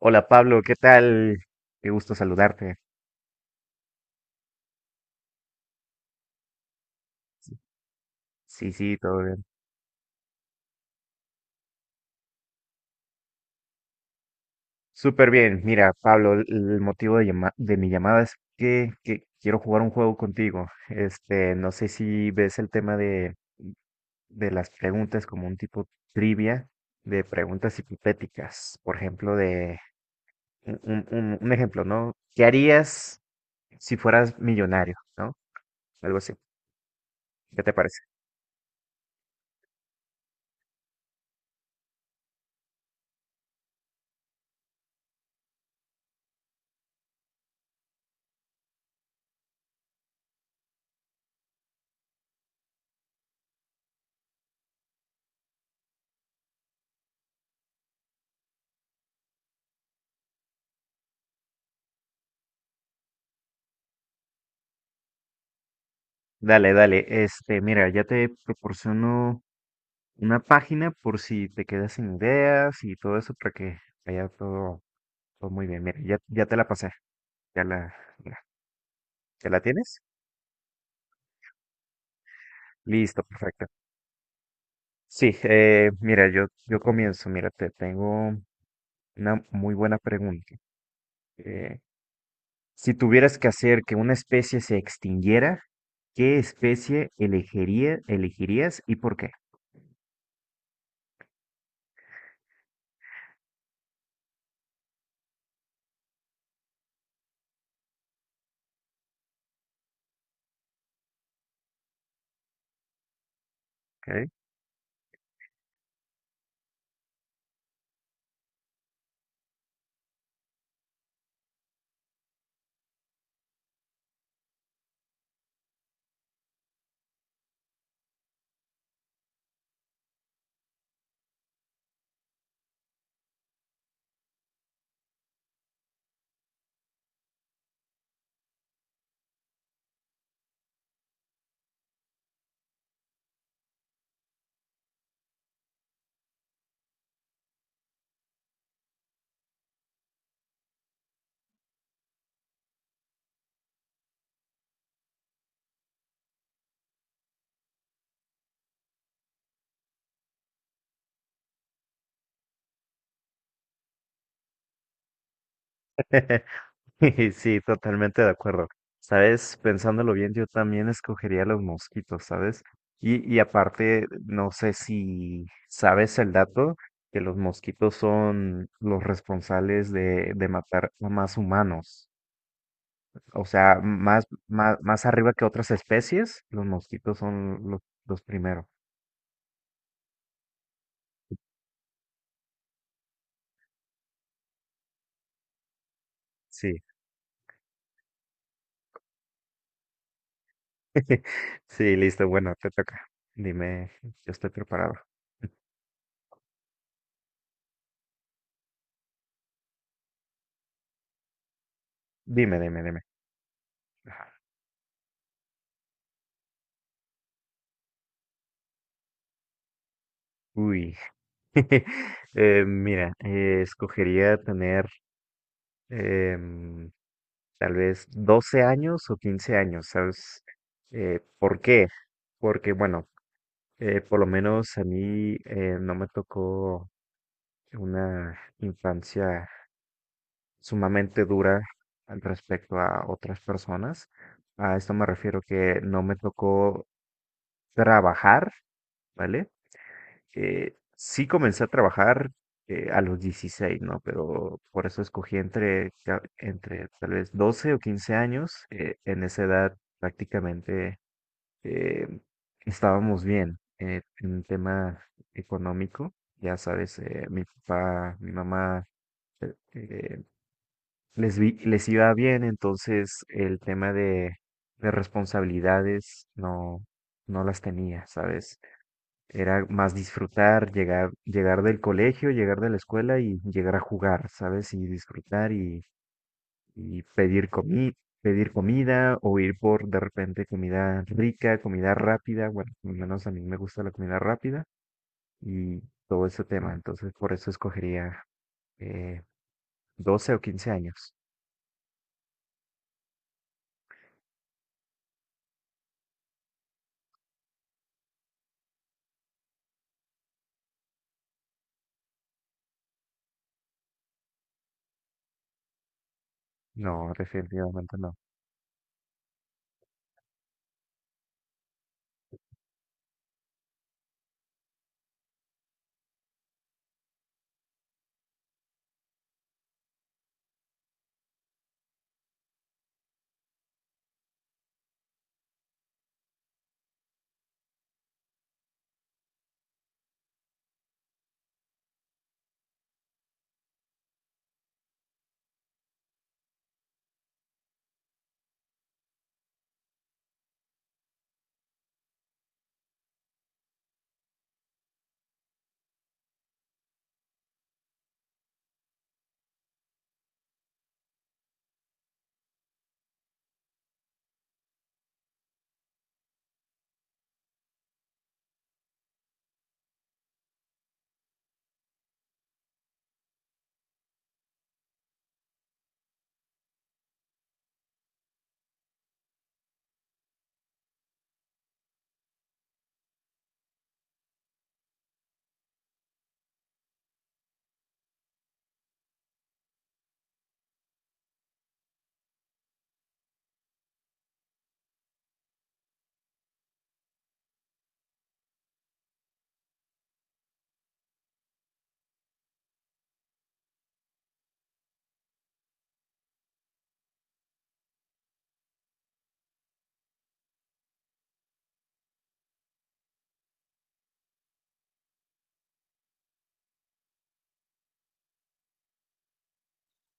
Hola Pablo, ¿qué tal? Qué gusto saludarte. Sí, sí, todo bien. Súper bien. Mira, Pablo, el motivo de, de mi llamada es que quiero jugar un juego contigo. Este, no sé si ves el tema de las preguntas como un tipo trivia de preguntas hipotéticas. Por ejemplo, de un ejemplo, ¿no? ¿Qué harías si fueras millonario, ¿no? Algo así. ¿Qué te parece? Dale, dale. Este, mira, ya te proporciono una página por si te quedas sin ideas y todo eso para que vaya todo, todo muy bien. Mira, ya, ya te la pasé. Ya la, mira, ¿ya la tienes? Listo, perfecto. Sí, mira, yo comienzo. Mira, te tengo una muy buena pregunta. Eh, si tuvieras que hacer que una especie se extinguiera, ¿qué especie elegirías y por qué? ¿Ok? Sí, totalmente de acuerdo. Sabes, pensándolo bien, yo también escogería los mosquitos, ¿sabes? Y aparte, no sé si sabes el dato, que los mosquitos son los responsables de matar a más humanos. O sea, más, más, más arriba que otras especies, los mosquitos son los primeros. Sí, sí, listo. Bueno, te toca. Dime, yo estoy preparado. Dime, dime, dime. Ajá. Uy. Mira, escogería tener em, tal vez 12 años o 15 años, ¿sabes? ¿Por qué? Porque, bueno, por lo menos a mí no me tocó una infancia sumamente dura al respecto a otras personas. A esto me refiero que no me tocó trabajar, ¿vale? Sí comencé a trabajar a los 16, ¿no? Pero por eso escogí entre, entre tal vez 12 o 15 años. En esa edad prácticamente eh, estábamos bien en un tema económico. Ya sabes, mi papá, mi mamá eh, eh, les, les iba bien, entonces el tema de responsabilidades no, no las tenía, ¿sabes? Era más disfrutar, llegar del colegio, llegar de la escuela y llegar a jugar, ¿sabes? Y disfrutar y, y pedir comida o ir por de repente comida rica, comida rápida. Bueno, al menos a mí me gusta la comida rápida y todo ese tema. Entonces, por eso escogería eh, 12 o 15 años. No, definitivamente no.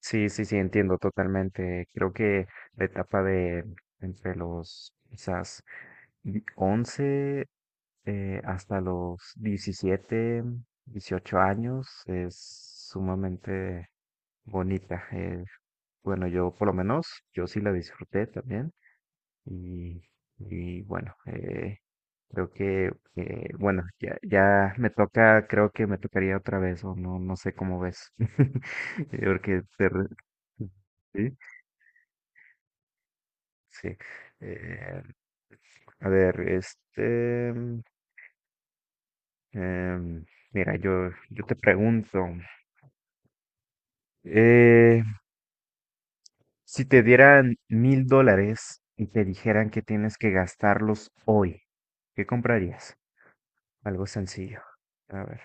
Sí, sí, sí, entiendo totalmente. Creo que la etapa de entre los quizás 11 hasta los 17, 18 años es sumamente bonita. Bueno, yo por lo menos, yo sí la disfruté también. Y, y bueno, creo que, bueno, ya, ya me toca, creo que me tocaría otra vez, o no, no sé cómo ves. Porque sí, sí. Eh, a ver, este, em, mira, yo te pregunto, eh, si te dieran mil dólares y te dijeran que tienes que gastarlos hoy, ¿qué comprarías? Algo sencillo. A ver.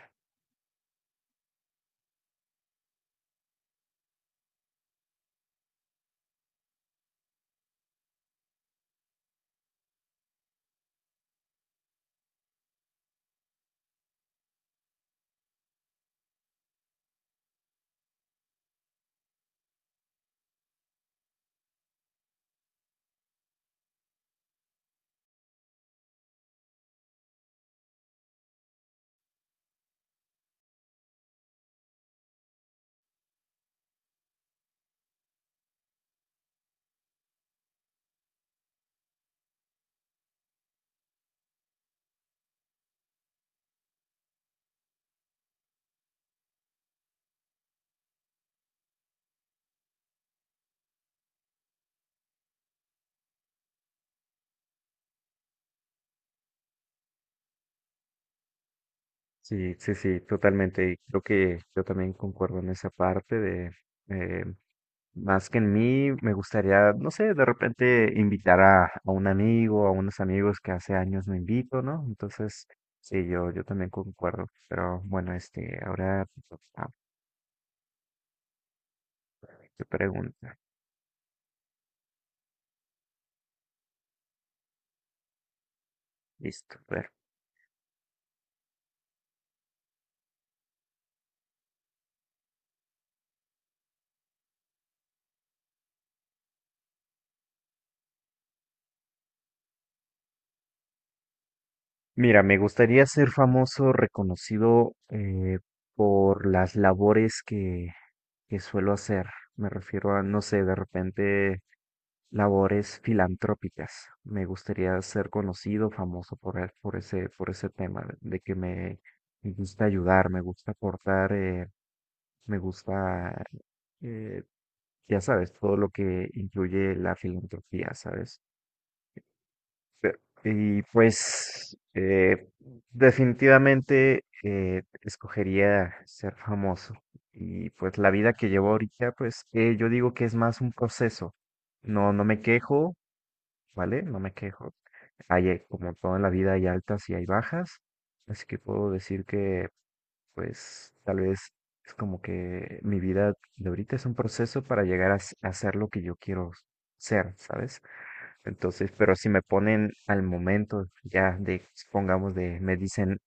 Sí, sí, sí, totalmente. Y creo que yo también concuerdo en esa parte de, eh, más que en mí, me gustaría, no sé, de repente invitar a un amigo, a unos amigos que hace años no invito, ¿no? Entonces, sí, yo también concuerdo. Pero bueno, este, ahora ah, te pregunta. Listo, a ver. Mira, me gustaría ser famoso, reconocido por las labores que suelo hacer. Me refiero a, no sé, de repente labores filantrópicas. Me gustaría ser conocido, famoso por, por ese tema, de que me gusta ayudar, me gusta aportar, me gusta, eh, ya sabes, todo lo que incluye la filantropía, ¿sabes? Pe- Y pues definitivamente escogería ser famoso. Y pues la vida que llevo ahorita, pues yo digo que es más un proceso. No, no me quejo, ¿vale? No me quejo. Hay, como todo en la vida, hay altas y hay bajas. Así que puedo decir que, pues, tal vez es como que mi vida de ahorita es un proceso para llegar a, a ser lo que yo quiero ser, ¿sabes? Entonces, pero si me ponen al momento, ya de, supongamos de, me dicen,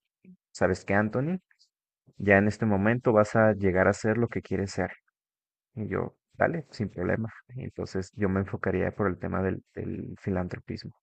¿sabes qué, Anthony? Ya en este momento vas a llegar a ser lo que quieres ser. Y yo, dale, sin problema. Entonces, yo me enfocaría por el tema del, del filantropismo.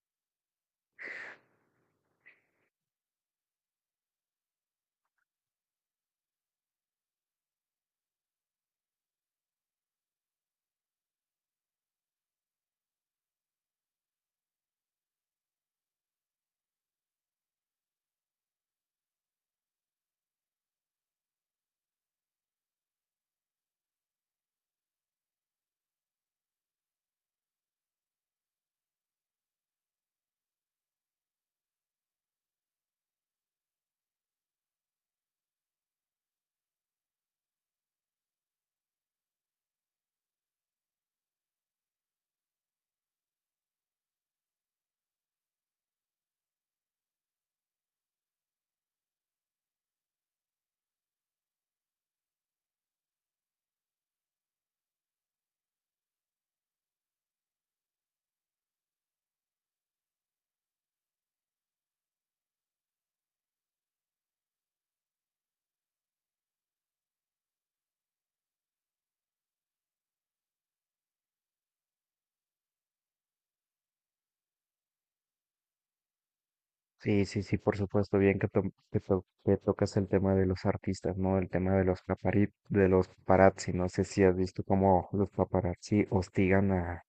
Sí, sí, sí, por supuesto, bien que, que tocas el tema de los artistas, ¿no? El tema de los de los paparazzi. No sé si has visto cómo los paparazzi hostigan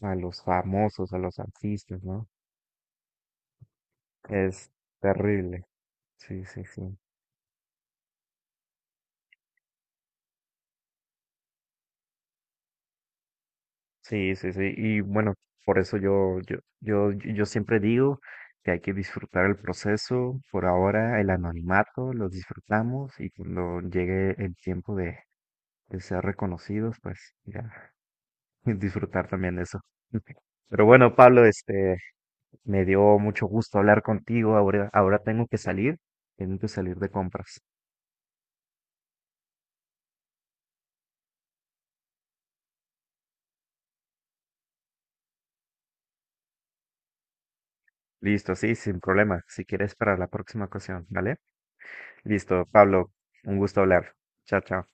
a los famosos, a los artistas, ¿no? Es terrible. Sí, sí, sí. Sí, sí, sí. Y bueno, por eso yo siempre digo que hay que disfrutar el proceso. Por ahora, el anonimato lo disfrutamos y cuando llegue el tiempo de ser reconocidos, pues ya disfrutar también eso. Pero bueno, Pablo, este, me dio mucho gusto hablar contigo. Ahora tengo que salir de compras. Listo, sí, sin problema. Si quieres para la próxima ocasión, ¿vale? Listo, Pablo, un gusto hablar. Chao, chao.